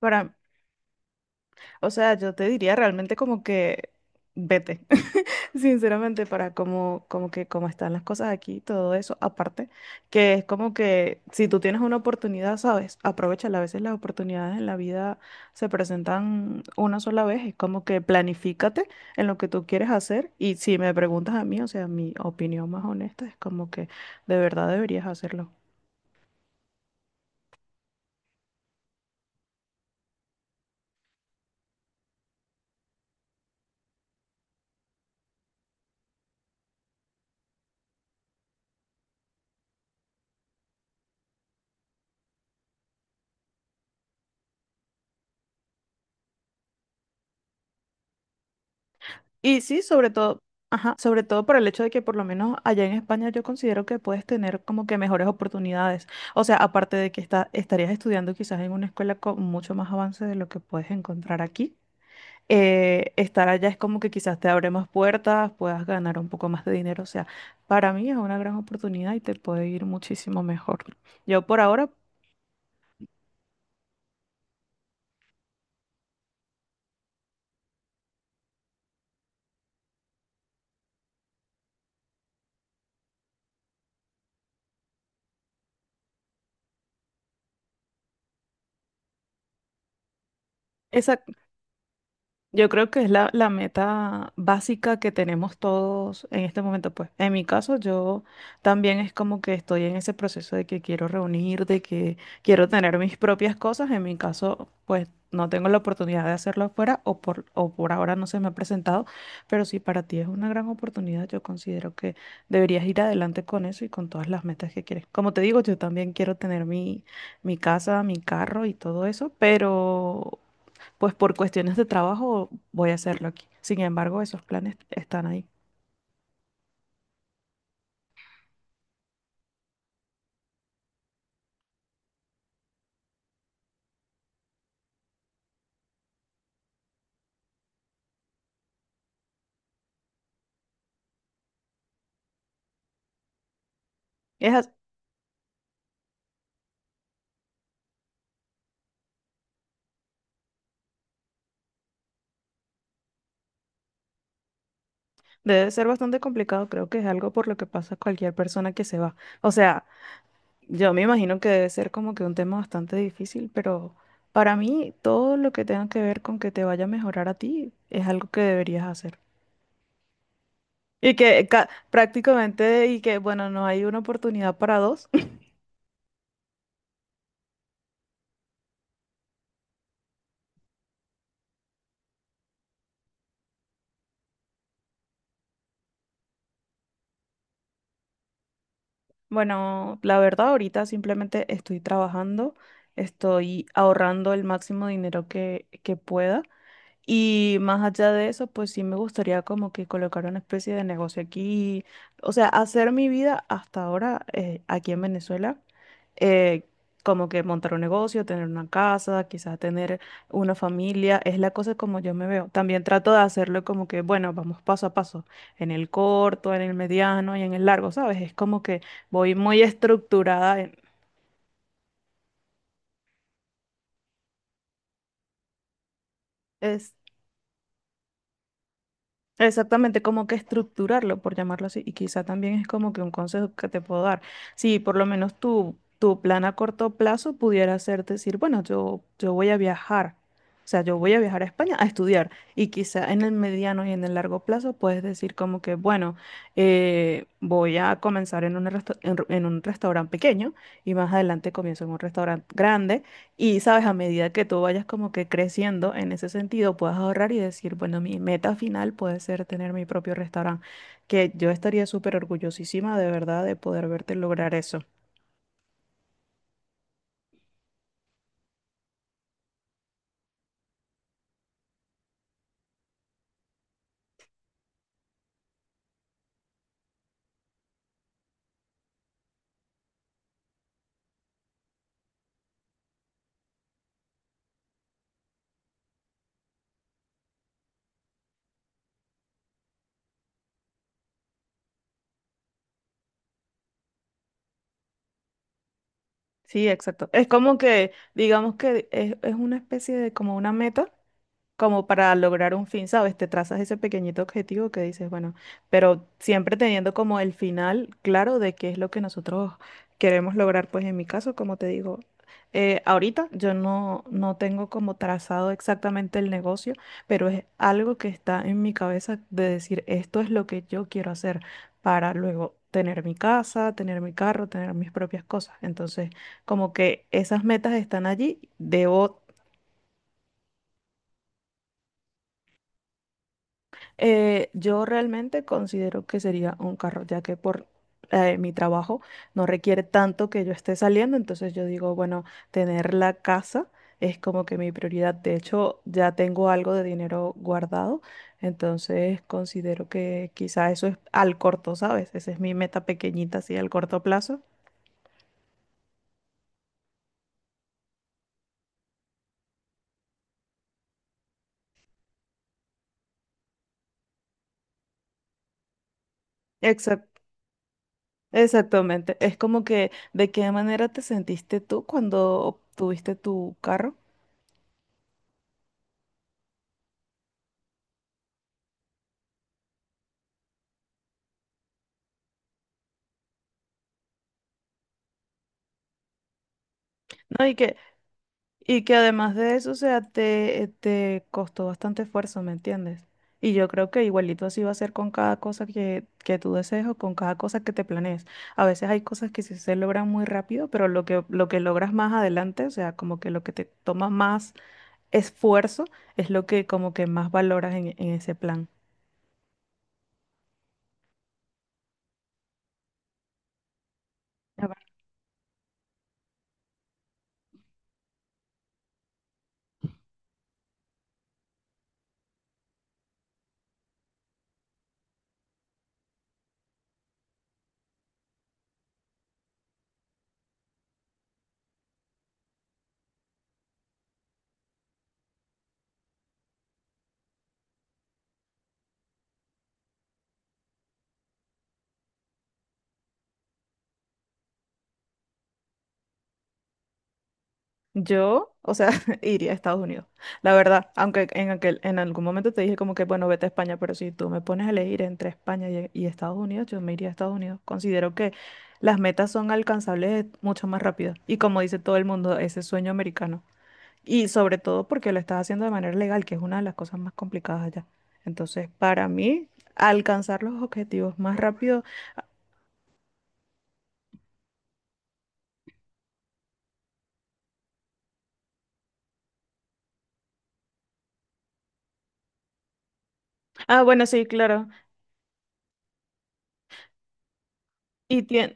Para, o sea, yo te diría realmente como que vete, sinceramente, para como como que cómo están las cosas aquí, todo eso, aparte, que es como que si tú tienes una oportunidad, sabes, aprovechala. A veces las oportunidades en la vida se presentan una sola vez, es como que planifícate en lo que tú quieres hacer y si me preguntas a mí, o sea, mi opinión más honesta es como que de verdad deberías hacerlo. Y sí, sobre todo, ajá, sobre todo por el hecho de que por lo menos allá en España yo considero que puedes tener como que mejores oportunidades. O sea, aparte de que está, estarías estudiando quizás en una escuela con mucho más avance de lo que puedes encontrar aquí. Estar allá es como que quizás te abre más puertas, puedas ganar un poco más de dinero. O sea, para mí es una gran oportunidad y te puede ir muchísimo mejor. Yo por ahora, yo creo que es la meta básica que tenemos todos en este momento, pues. En mi caso, yo también es como que estoy en ese proceso de que quiero reunir, de que quiero tener mis propias cosas. En mi caso, pues no tengo la oportunidad de hacerlo afuera o por ahora no se me ha presentado, pero si para ti es una gran oportunidad, yo considero que deberías ir adelante con eso y con todas las metas que quieres. Como te digo, yo también quiero tener mi casa, mi carro y todo eso, pero pues por cuestiones de trabajo voy a hacerlo aquí. Sin embargo, esos planes están ahí. Es, as- Debe ser bastante complicado, creo que es algo por lo que pasa cualquier persona que se va. O sea, yo me imagino que debe ser como que un tema bastante difícil, pero para mí todo lo que tenga que ver con que te vaya a mejorar a ti es algo que deberías hacer. Y que prácticamente, y que bueno, no hay una oportunidad para dos. Bueno, la verdad, ahorita simplemente estoy trabajando, estoy ahorrando el máximo dinero que pueda y más allá de eso, pues sí me gustaría como que colocar una especie de negocio aquí, o sea, hacer mi vida hasta ahora aquí en Venezuela, eh, como que montar un negocio, tener una casa, quizás tener una familia, es la cosa como yo me veo. También trato de hacerlo como que, bueno, vamos paso a paso, en el corto, en el mediano y en el largo, ¿sabes? Es como que voy muy estructurada en... Es- Exactamente, como que estructurarlo, por llamarlo así, y quizá también es como que un consejo que te puedo dar. Si por lo menos tu plan a corto plazo pudiera ser decir, bueno, yo voy a viajar, o sea, yo voy a viajar a España a estudiar, y quizá en el mediano y en el largo plazo puedes decir como que, bueno, voy a comenzar en en un restaurante pequeño y más adelante comienzo en un restaurante grande. Y sabes, a medida que tú vayas como que creciendo en ese sentido, puedas ahorrar y decir, bueno, mi meta final puede ser tener mi propio restaurante, que yo estaría súper orgullosísima de verdad de poder verte lograr eso. Sí, exacto. Es como que, digamos que es una especie de como una meta como para lograr un fin, ¿sabes? Te trazas ese pequeñito objetivo que dices, bueno, pero siempre teniendo como el final claro de qué es lo que nosotros queremos lograr, pues en mi caso, como te digo, ahorita yo no, no tengo como trazado exactamente el negocio, pero es algo que está en mi cabeza de decir, esto es lo que yo quiero hacer para luego tener mi casa, tener mi carro, tener mis propias cosas. Entonces, como que esas metas están allí, debo... Yo realmente considero que sería un carro, ya que por mi trabajo no requiere tanto que yo esté saliendo, entonces yo digo, bueno, tener la casa es como que mi prioridad. De hecho, ya tengo algo de dinero guardado, entonces considero que quizá eso es al corto, ¿sabes? Esa es mi meta pequeñita, así al corto plazo. Exacto. Exactamente. Es como que, ¿de qué manera te sentiste tú cuando obtuviste tu carro? No, y que... Y que además de eso, o sea, te costó bastante esfuerzo, ¿me entiendes? Y yo creo que igualito así va a ser con cada cosa que tú desees o con cada cosa que te planees. A veces hay cosas que sí se logran muy rápido, pero lo que logras más adelante, o sea, como que lo que te toma más esfuerzo es lo que como que más valoras en ese plan. Yo, o sea, iría a Estados Unidos, la verdad, aunque en algún momento te dije como que, bueno, vete a España, pero si tú me pones a elegir entre España y Estados Unidos, yo me iría a Estados Unidos. Considero que las metas son alcanzables mucho más rápido y como dice todo el mundo, ese sueño americano. Y sobre todo porque lo estás haciendo de manera legal, que es una de las cosas más complicadas allá. Entonces, para mí, alcanzar los objetivos más rápido. Ah, bueno, sí, claro. Y tiene...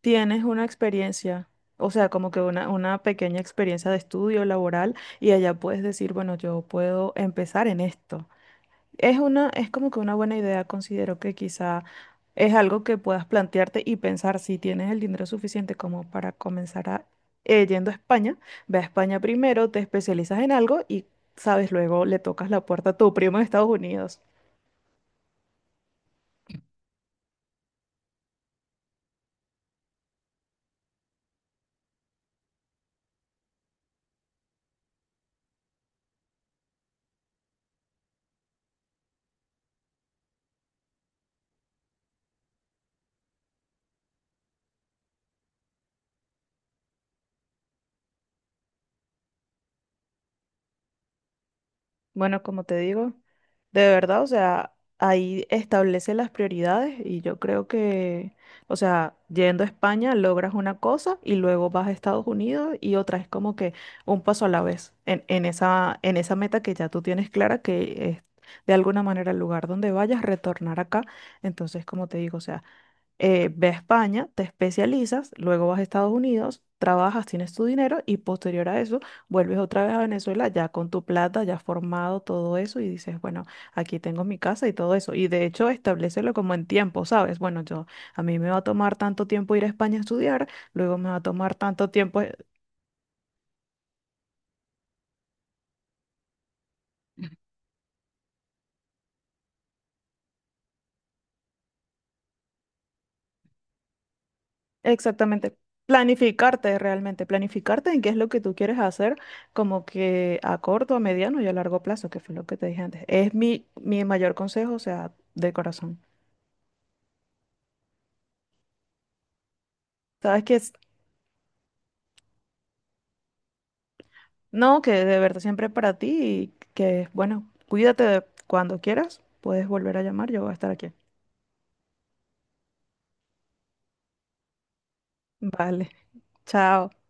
Tienes una experiencia, o sea, como que una pequeña experiencia de estudio laboral y allá puedes decir, bueno, yo puedo empezar en esto. Es una, es como que una buena idea, considero que quizá es algo que puedas plantearte y pensar si tienes el dinero suficiente como para comenzar a, yendo a España, ve a España primero, te especializas en algo y, sabes, luego le tocas la puerta a tu primo en Estados Unidos. Bueno, como te digo, de verdad, o sea, ahí establece las prioridades y yo creo que, o sea, yendo a España logras una cosa y luego vas a Estados Unidos y otra es como que un paso a la vez en esa meta que ya tú tienes clara que es de alguna manera el lugar donde vayas, retornar acá. Entonces, como te digo, o sea, ve a España, te especializas, luego vas a Estados Unidos, trabajas, tienes tu dinero y posterior a eso vuelves otra vez a Venezuela ya con tu plata, ya formado todo eso y dices, bueno, aquí tengo mi casa y todo eso. Y de hecho, establecelo como en tiempo, ¿sabes? Bueno, yo, a mí me va a tomar tanto tiempo ir a España a estudiar, luego me va a tomar tanto tiempo... Exactamente. Planificarte realmente, planificarte en qué es lo que tú quieres hacer, como que a corto, a mediano y a largo plazo, que fue lo que te dije antes. Es mi mayor consejo, o sea, de corazón. Sabes que es, no, que de verdad siempre para ti y que, bueno, cuídate cuando quieras, puedes volver a llamar, yo voy a estar aquí. Vale, chao.